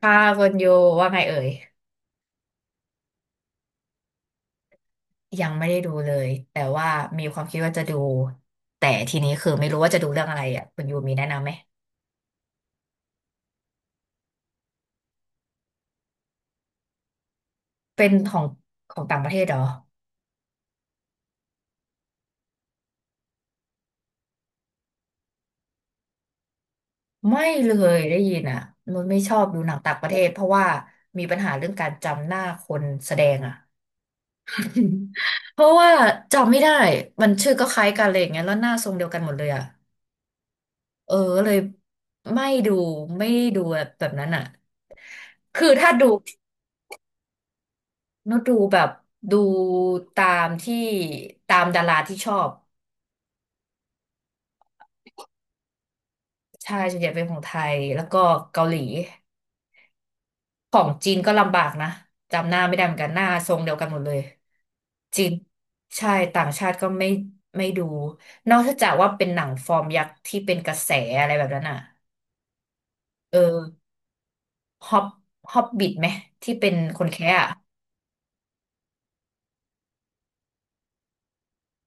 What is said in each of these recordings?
ค่ะคุณยูว่าไงเอ่ยยังไม่ได้ดูเลยแต่ว่ามีความคิดว่าจะดูแต่ทีนี้คือไม่รู้ว่าจะดูเรื่องอะไรอ่ะคุณยูมีแนะนำไหมเป็นของของต่างประเทศเหรอไม่เลยได้ยินอ่ะนุชไม่ชอบดูหนังต่างประเทศเพราะว่ามีปัญหาเรื่องการจำหน้าคนแสดงอ่ะ เพราะว่าจำไม่ได้มันชื่อก็คล้ายกันอะไรอย่างเงี้ยแล้วหน้าทรงเดียวกันหมดเลยอ่ะเออเลยไม่ดูไม่ดูแบบนั้นอ่ะคือถ้าดู นุชดูแบบดูตามที่ตามดาราที่ชอบใช่ส่วนใหญ่เป็นของไทยแล้วก็เกาหลีของจีนก็ลำบากนะจำหน้าไม่ได้เหมือนกันหน้าทรงเดียวกันหมดเลยจีนใช่ต่างชาติก็ไม่ไม่ดูนอกจากว่าเป็นหนังฟอร์มยักษ์ที่เป็นกระแสอะไรแบบนั้นอ่ะเออฮอบฮอบบิทไหมที่เป็นคนแคะ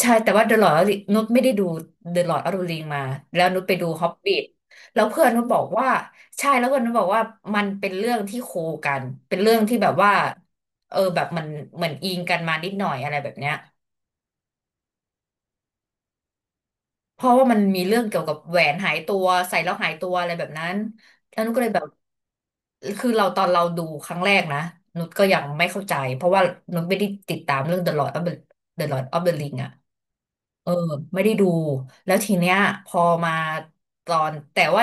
ใช่แต่ว่า The Lord of the นุชไม่ได้ดู The Lord of the Ring มาแล้วนุชไปดู Hobbit แล้วเพื่อนนุชบอกว่าใช่แล้วเพื่อนนุชบอกว่ามันเป็นเรื่องที่โคกันเป็นเรื่องที่แบบว่าเออแบบมันเหมือนอิงกันมานิดหน่อยอะไรแบบเนี้ยเพราะว่ามันมีเรื่องเกี่ยวกับแหวนหายตัวใส่แล้วหายตัวอะไรแบบนั้นแล้วนุชก็เลยแบบคือเราตอนเราดูครั้งแรกนะนุชก็ยังไม่เข้าใจเพราะว่านุชไม่ได้ติดตามเรื่อง The Lord of the Ring อะ เออไม่ได้ดูแล้วทีเนี้ยพอมาตอนแต่ว่า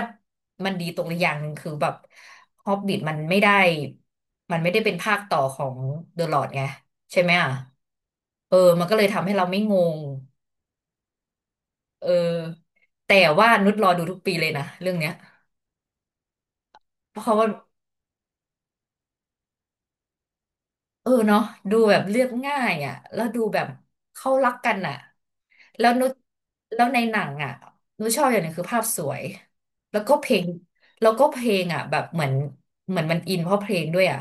มันดีตรงอย่างหนึ่งคือแบบฮอบบิ t มันไม่ได้เป็นภาคต่อของเดอะลอ d ไงใช่ไหมอ่ะเออมันก็เลยทำให้เราไม่งงเออแต่ว่านุชรอดูทุกปีเลยนะเรื่องเนี้ยเพราะว่า เออเนาะดูแบบเรียบง่ายอ่ะแล้วดูแบบเขารักกันอ่ะแล้วนุชแล้วในหนังอ่ะนุชชอบอย่างหนึงคือภาพสวยแล้วก็เพลงแล้วก็เพลงอ่ะแบบเหมือนเหมือนมันอินเพราะเพลงด้วยอ่ะ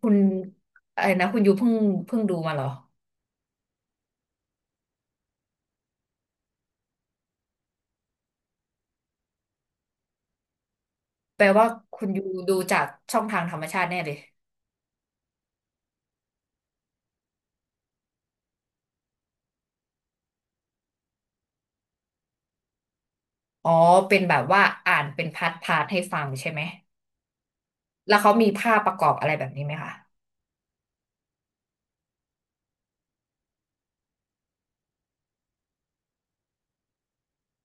คุณอะไรนะคุณยูเพิ่งดูมาเหรอแปลว่าคุณยูดูจากช่องทางธรรมชาติแน่เลยอ๋อเป็นแบบว่าอ่านเป็นพาร์ทพาร์ทให้ฟังใช่ไหมแล้วเขามีภาพประกอบอะไรแบบนี้ไหมคะ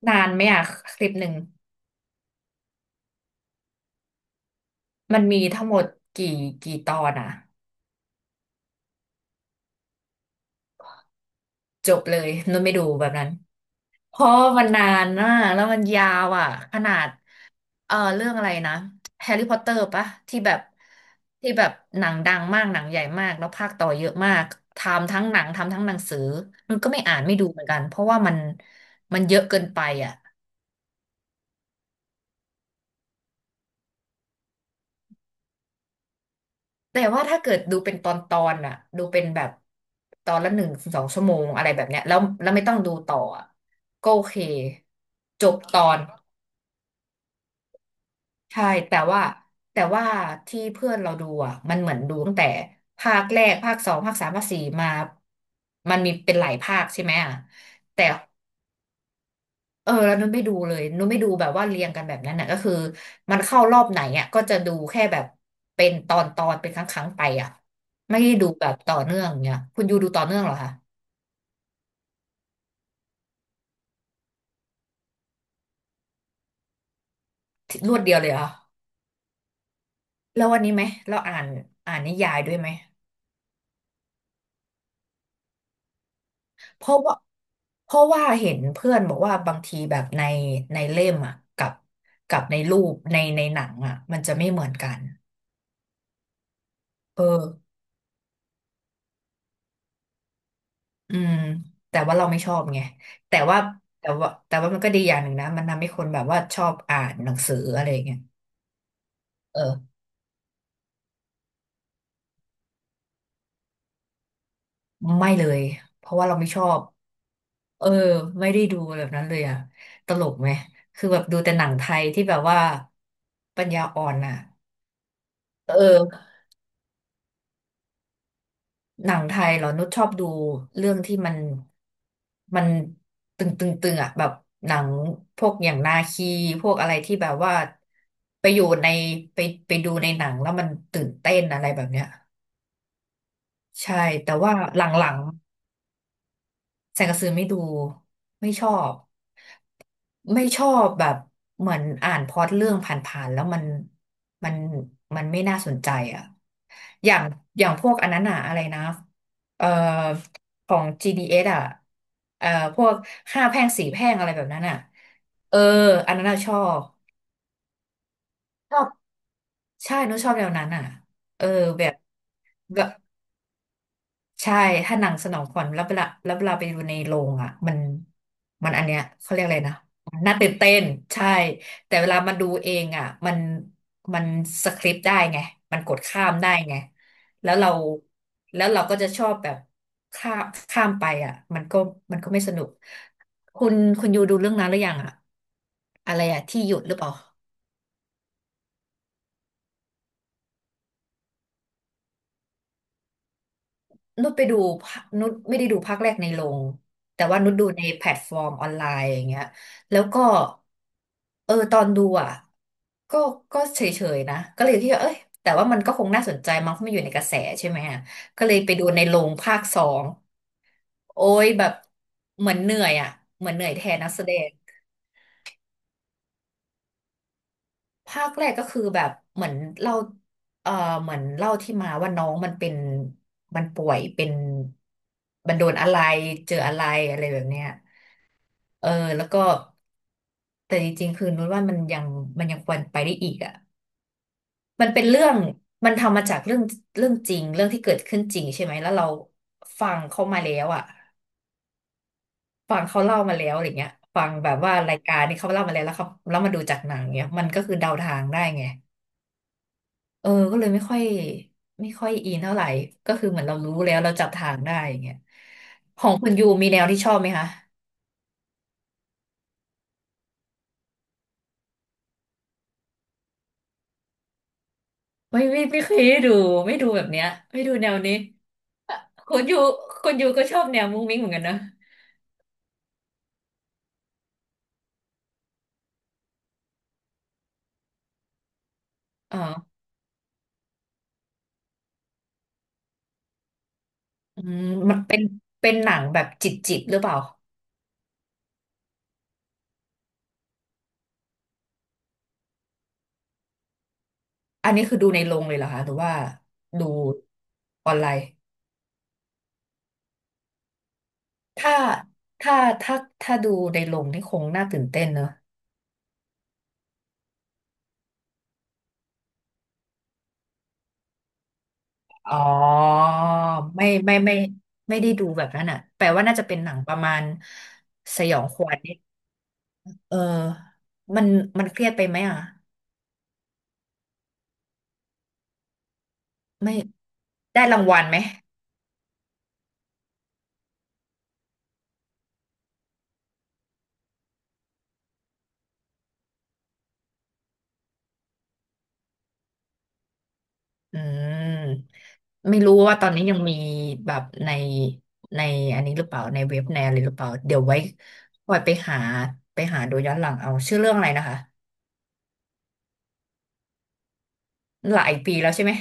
นานไหมอ่ะคลิปหนึ่งมันมีทั้งหมดกี่กี่ตอนอ่ะ จบเลยนุ่นไม่ดูแบบนั้นเพราะมันนานนะแล้วมันยาวอ่ะขนาดเออเรื่องอะไรนะแฮร์รี่พอตเตอร์ปะที่แบบที่แบบหนังดังมากหนังใหญ่มากแล้วภาคต่อเยอะมากทำทั้งหนังทำทั้งหนังสือนุ่นก็ไม่อ่านไม่ดูเหมือนกันเพราะว่ามันเยอะเกินไปอ่ะแต่ว่าถ้าเกิดดูเป็นตอนตอนอ่ะดูเป็นแบบตอนละหนึ่งสองชั่วโมงอะไรแบบเนี้ยแล้วไม่ต้องดูต่ออะก็โอเคจบตอน ใช่แต่ว่าแต่ว่าที่เพื่อนเราดูอ่ะมันเหมือนดูตั้งแต่ภาคแรกภาคสองภาคสามภาคสี่มามันมีเป็นหลายภาคใช่ไหมอ่ะแต่เออแล้วนุ้นไม่ดูเลยนุ้นไม่ดูแบบว่าเรียงกันแบบนั้นน่ะก็คือมันเข้ารอบไหนอ่ะก็จะดูแค่แบบเป็นตอนตอนเป็นครั้งครั้งไปอ่ะไม่ได้ดูแบบต่อเนื่องเนี่ยคุณยูดูต่อเนื่องเหรอคะรวดเดียวเลยเหรอแล้ววันนี้ไหมเราอ่านอ่านนิยายด้วยไหม เพราะว่าเพราะว่าเห็นเพื่อนบอกว่าบางทีแบบในในเล่มอ่ะกับกับในรูปในในหนังอ่ะมันจะไม่เหมือนกันเอออืมแต่ว่าเราไม่ชอบไงแต่ว่าแต่ว่าแต่ว่ามันก็ดีอย่างหนึ่งนะมันทำให้คนแบบว่าชอบอ่านหนังสืออะไรอย่างเงี้ยเออไม่เลยเพราะว่าเราไม่ชอบเออไม่ได้ดูแบบนั้นเลยอ่ะตลกไหมคือแบบดูแต่หนังไทยที่แบบว่าปัญญาอ่อนอ่ะเออ หนังไทยเหรอนุชชอบดูเรื่องที่มันมันตึงตึงตึงอ่ะแบบหนังพวกอย่างนาคีพวกอะไรที่แบบว่าไปอยู่ในไปไปดูในหนังแล้วมันตื่นเต้นอะไรแบบเนี้ยใช่แต่ว่าหลังๆแสงกระสือไม่ดูไม่ชอบ ไม่ชอบแบบเหมือนอ่านพล็อตเรื่องผ่านๆแล้วมันมันไม่น่าสนใจอ่ะอย่างอย่างพวกอันนั้นอะอะไรนะเอ่อของ GDS อสอ่ะเอ่อพวกห้าแพร่งสี่แพร่งอะไรแบบนั้นอ่ะเอออันนั้นอะชอบใช่หนูชอบแนวนั้นอ่ะเออแบบ ใช่ถ้าหนังสนองขวัญแล้วเวลาไปดูในโรงอ่ะมันอันเนี้ยเขาเรียกอะไรนะ น่าตื่นเต้นใช่ แต่เวลามาดูเองอ่ะ มันมันสคริปต์ได้ไง มันกดข้ามได้ไง แล้วเราแล้วเราก็จะชอบแบบข้ามข้ามไปอ่ะมันก็ไม่สนุก คุณคุณยูดูเรื่องนั้นหรือยังอ่ะอะไรอ่ะที่หยุดหรือเปล่า นุชไปดูภานุชไม่ได้ดูภาคแรกในโรงแต่ว่านุชดูในแพลตฟอร์มออนไลน์อย่างเงี้ยแล้วก็เออตอนดูอ่ะก็ก็เฉยๆนะก็เลยคิดว่าเอ้ยแต่ว่ามันก็คงน่าสนใจมั้งเพราะมันอยู่ในกระแสใช่ไหมอะก็เลยไปดูในโรงภาคสองโอ้ยแบบเหมือนเหนื่อยอ่ะเหมือนเหนื่อยแทนนักแสดงภาคแรกก็คือแบบเหมือนเล่าเออเหมือนเล่าที่มาว่าน้องมันเป็นมันป่วยเป็นมันโดนอะไรเจออะไรอะไรแบบเนี้ย เออแล้วก็แต่จริงๆคือนุ้นว่ามันยังควรไปได้อีกอ่ะมันเป็นเรื่องมันทำมาจากเรื่องจริงเรื่องที่เกิดขึ้นจริงใช่ไหมแล้วเราฟังเขามาแล้วอ่ะฟังเขาเล่ามาแล้วอะไรเงี้ยฟังแบบว่ารายการนี้เขาเล่ามาแล้วแล้วเขาแล้วมาดูจากหนังเนี้ยมันก็คือเดาทางได้ไงเออก็เลยไม่ค่อยอินเท่าไหร่ก็คือเหมือนเรารู้แล้วเราจับทางได้อย่างเงี้ยของคุณยูมีแนวที่ชอบไหมคะ ไม่เคยได้ดูไม่ดูแบบเนี้ยไม่ดูแนวนี้อ่ะคุณยูคุณยูก็ชอบแนวมุ้งมิ้งเหมือนกันนะอ๋ออืมมันเป็นเป็นหนังแบบจิตจิตหรือเปล่าอันนี้คือดูในโรงเลยเหรอคะหรือว่าดูออนไลน์ถ้าถ้าถ้าถ้าดูในโรงนี่คงน่าตื่นเต้นเนอะอ๋อไม่ไม่ได้ดูแบบนั้นอ่ะแปลว่าน่าจะเป็นหนังประมาณสยองขวัญนิดเออมันมันเครียดไปไหมอ่ะ ไม่ได้รางวัลไหมอืมไม่รู้ว่าตอนนี้ยังมีแบบในอันนี้หรือเปล่าในเว็บในอะไรหรือเปล่าเดี๋ยวไว้คอยไปหาไปหาดูย้อนหลังเอาชื่อเรื่องอะไรนะคะหลายปีแล้วใช่ไหม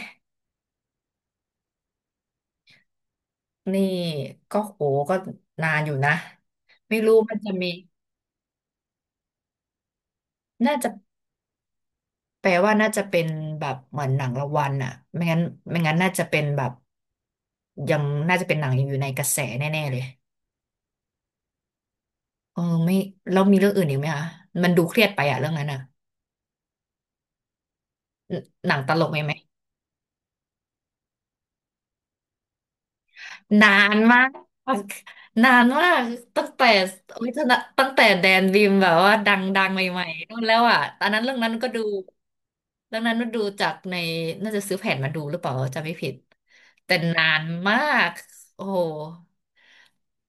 นี่ก็โหก็นานอยู่นะไม่รู้มันจะมีน่าจะแปลว่าน่าจะเป็นแบบเหมือนหนังรางวัลอ่ะไม่งั้นไม่งั้นน่าจะเป็นแบบยังน่าจะเป็นหนังอยู่ในกระแสแน่ๆเลย เออไม่แล้วมีเรื่องอื่นอีกไหมคะมันดูเครียดไปอะเรื่องนั้นอะหนังตลกไหมไหมนานมากนานมากตั้งแต่โอ้ยตั้งแต่แดนบีมแบบว่าดังดังใหม่ๆนู่นแล้วอะตอนนั้นเรื่องนั้นก็ดูเรื่องนั้นก็ดูจากในน่าจะซื้อแผ่นมาดูหรือเปล่าจำไม่ผิดแต่นานมากโอ้โห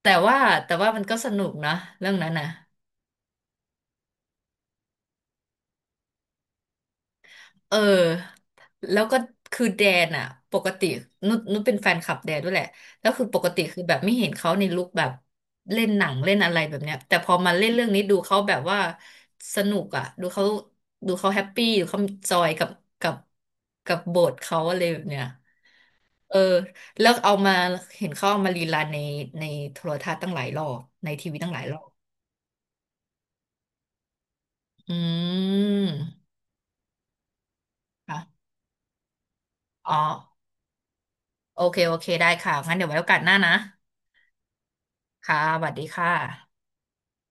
แต่ว่าแต่ว่ามันก็สนุกนะเรื่องนั้นนะ เออแล้วก็คือแดนอ่ะปกตินุชเป็นแฟนคลับแดนด้วยแหละแล้วคือปกติคือแบบไม่เห็นเขาในลุคแบบเล่นหนังเล่นอะไรแบบเนี้ยแต่พอมาเล่นเรื่องนี้ดูเขาแบบว่าสนุกอ่ะดูเขาดูเขาแฮปปี้ดูเขาจอยกับกับบทเขาอะไรแบบเนี้ยเออแล้วเอามาเห็นเขาเอามารีรันในในโทรทัศน์ตั้งหลายรอบในทีวีตั้งหลายรอบอืมค่ะอ๋อโอเคได้ค่ะงั้นเดี๋ยวไว้โอกาสหน้านะ ค่ะสวัสดีค่ะ